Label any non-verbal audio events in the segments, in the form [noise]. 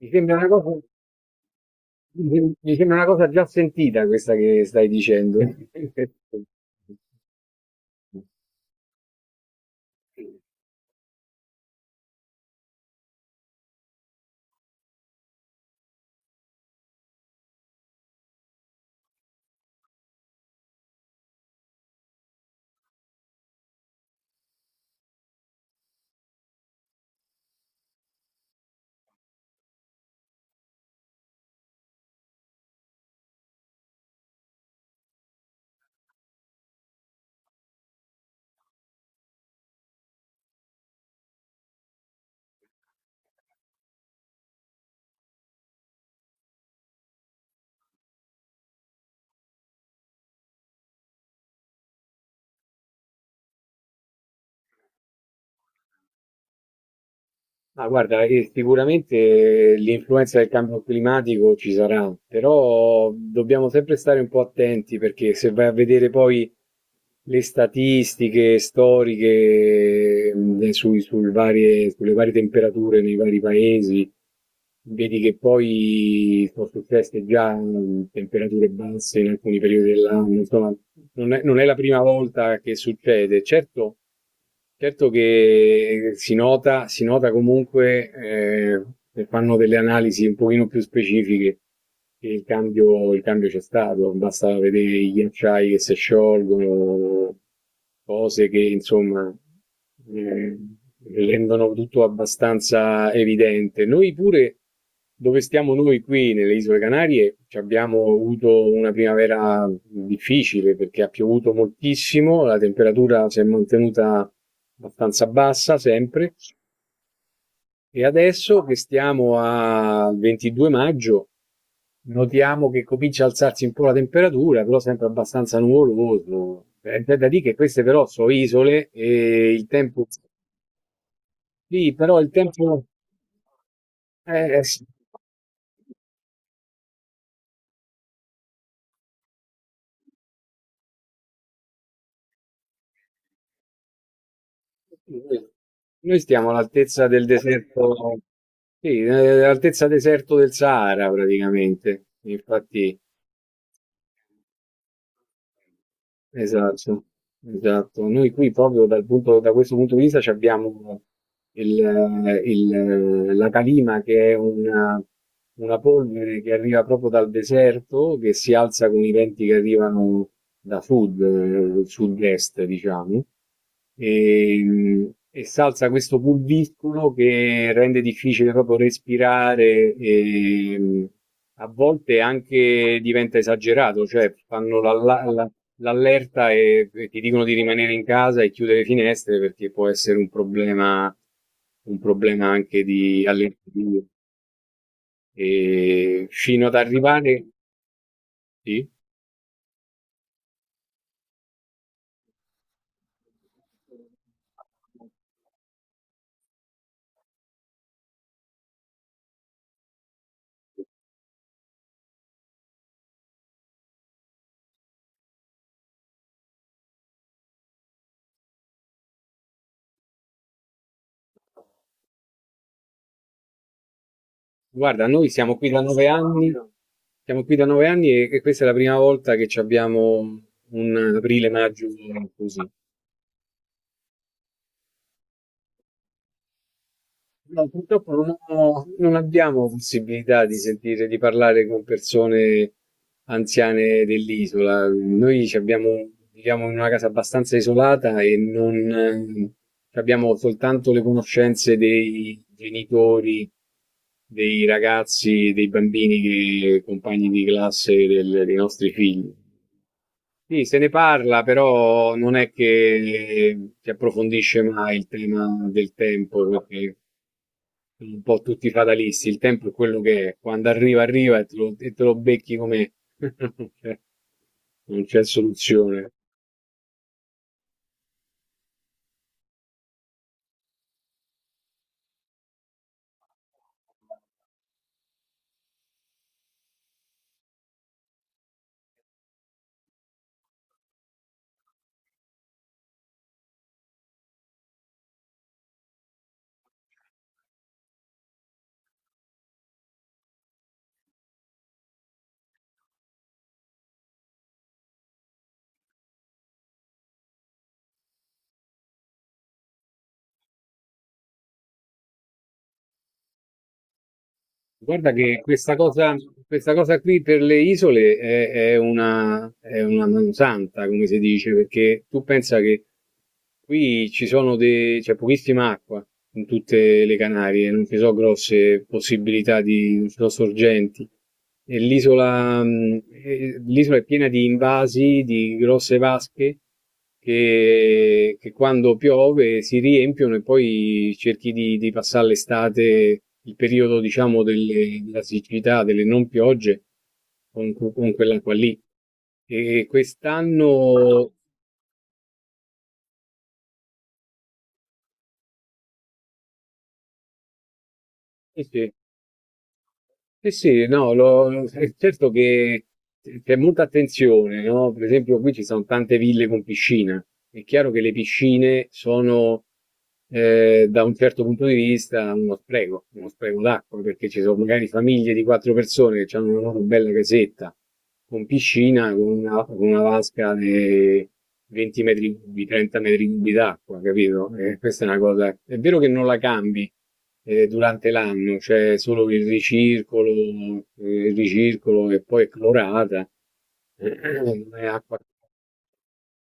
Mi sembra una cosa, Mi sembra una cosa già sentita questa che stai dicendo. [laughs] Ma guarda, sicuramente l'influenza del cambio climatico ci sarà, però dobbiamo sempre stare un po' attenti, perché se vai a vedere poi le statistiche storiche sulle varie temperature nei vari paesi, vedi che poi sono successe già temperature basse in alcuni periodi dell'anno, insomma, non è la prima volta che succede. Certo. Certo che si nota comunque, se fanno delle analisi un pochino più specifiche, che il cambio c'è stato, basta vedere i ghiacciai che si sciolgono, cose che insomma Ehm, rendono tutto abbastanza evidente. Noi pure, dove stiamo noi qui nelle Isole Canarie, ci abbiamo avuto una primavera difficile perché ha piovuto moltissimo, la temperatura si è mantenuta abbastanza bassa sempre e adesso che stiamo al 22 maggio notiamo che comincia a alzarsi un po' la temperatura, però sempre abbastanza nuvoloso. È da dire che queste però sono isole e il tempo, sì, però il tempo. Sì. Noi stiamo all'altezza del deserto, sì, all'altezza deserto del Sahara praticamente. Infatti. Esatto, esatto. Noi qui proprio da questo punto di vista ci abbiamo la calima, che è una polvere che arriva proprio dal deserto, che si alza con i venti che arrivano da sud, sud-est, diciamo, e si alza questo pulviscolo che rende difficile proprio respirare e a volte anche diventa esagerato, cioè fanno l'allerta e ti dicono di rimanere in casa e chiudere le finestre perché può essere un problema anche di allergie. E fino ad arrivare, sì. Guarda, noi siamo qui da nove anni e questa è la prima volta che ci abbiamo un aprile-maggio così. No, purtroppo non abbiamo possibilità di sentire, di parlare con persone anziane dell'isola. Noi viviamo in una casa abbastanza isolata e non abbiamo soltanto le conoscenze dei genitori, dei ragazzi, dei bambini, che, compagni di classe dei nostri figli. Sì, se ne parla, però non è che si approfondisce mai il tema del tempo, perché un po' tutti fatalisti. Il tempo è quello che è. Quando arriva, arriva e te lo becchi, come [laughs] non c'è soluzione. Guarda che questa cosa qui per le isole è una mansanta, come si dice, perché tu pensa che qui c'è pochissima acqua in tutte le Canarie, non ci sono grosse possibilità di, non ci sono sorgenti. E l'isola è piena di invasi, di grosse vasche che quando piove si riempiono, e poi cerchi di passare l'estate, il periodo, diciamo, della siccità, delle non piogge, con quell'acqua lì. E quest'anno, sì, sì. Eh sì, no, è certo che c'è molta attenzione, no? Per esempio, qui ci sono tante ville con piscina. È chiaro che le piscine sono, da un certo punto di vista, uno spreco d'acqua, perché ci sono magari famiglie di quattro persone che hanno una loro bella casetta con piscina, con una vasca di 20 metri cubi, 30 metri cubi d'acqua, capito? E questa è una cosa. È vero che non la cambi durante l'anno, cioè solo che il ricircolo che poi è clorata, [clears throat] non è acqua,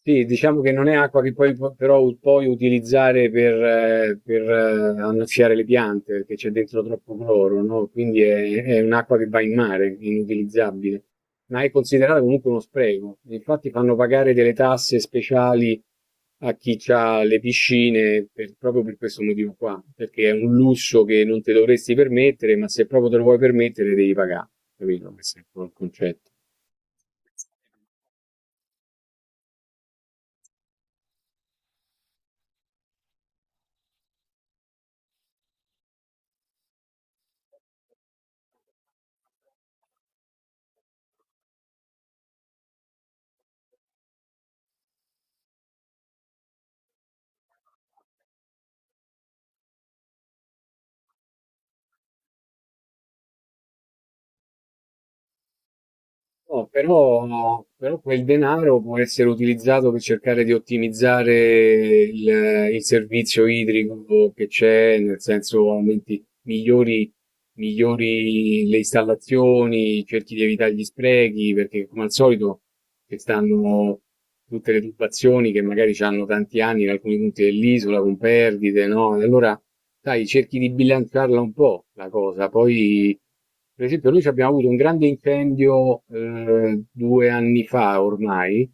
sì, diciamo che non è acqua che poi però puoi utilizzare annaffiare le piante, perché c'è dentro troppo cloro, no? Quindi è un'acqua che va in mare, è inutilizzabile, ma è considerata comunque uno spreco. Infatti fanno pagare delle tasse speciali a chi ha le piscine proprio per questo motivo qua, perché è un lusso che non ti dovresti permettere, ma se proprio te lo vuoi permettere devi pagare, capito? Questo è un po' il concetto. No, però quel denaro può essere utilizzato per cercare di ottimizzare il servizio idrico che c'è, nel senso aumenti, migliori le installazioni, cerchi di evitare gli sprechi, perché come al solito ci stanno tutte le tubazioni che magari hanno tanti anni in alcuni punti dell'isola con perdite, no? E allora, sai, cerchi di bilanciarla un po' la cosa. Poi, per esempio, noi ci abbiamo avuto un grande incendio 2 anni fa ormai,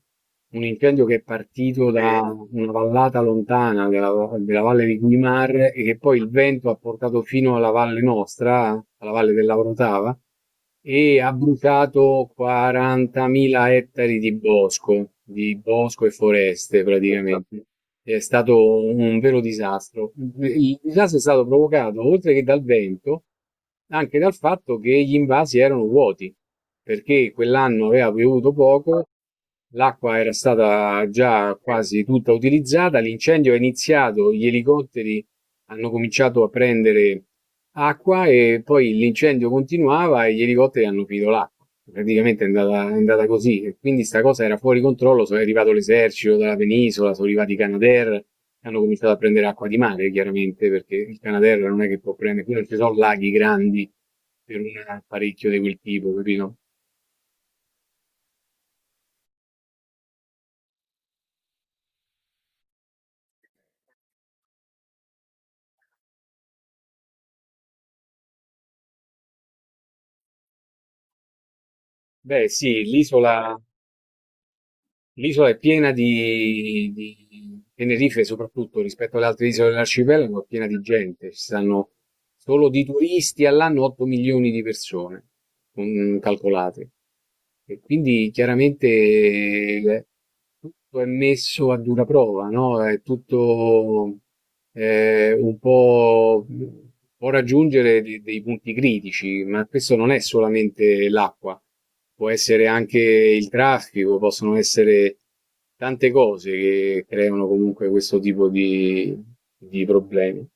un incendio che è partito da una vallata lontana della valle di Guimar, e che poi il vento ha portato fino alla valle nostra, alla valle dell'Avrotava, e ha bruciato 40.000 ettari di bosco e foreste praticamente. È stato un vero disastro. Il disastro è stato provocato, oltre che dal vento, anche dal fatto che gli invasi erano vuoti, perché quell'anno aveva piovuto poco, l'acqua era stata già quasi tutta utilizzata, l'incendio è iniziato, gli elicotteri hanno cominciato a prendere acqua e poi l'incendio continuava e gli elicotteri hanno finito l'acqua. Praticamente è andata così. E quindi sta cosa era fuori controllo, sono arrivato l'esercito dalla penisola, sono arrivati i Canadair, hanno cominciato a prendere acqua di mare, chiaramente, perché il Canadair non è che può prendere, qui non ci sono laghi grandi per un apparecchio di quel tipo, capito? Beh, sì, l'isola è piena di Tenerife, soprattutto rispetto alle altre isole dell'arcipelago, è piena di gente. Ci stanno solo di turisti all'anno 8 milioni di persone, calcolate. E quindi chiaramente tutto è messo a dura prova, no? È tutto un po'. Può raggiungere dei punti critici, ma questo non è solamente l'acqua, può essere anche il traffico, possono essere tante cose che creano comunque questo tipo di problemi.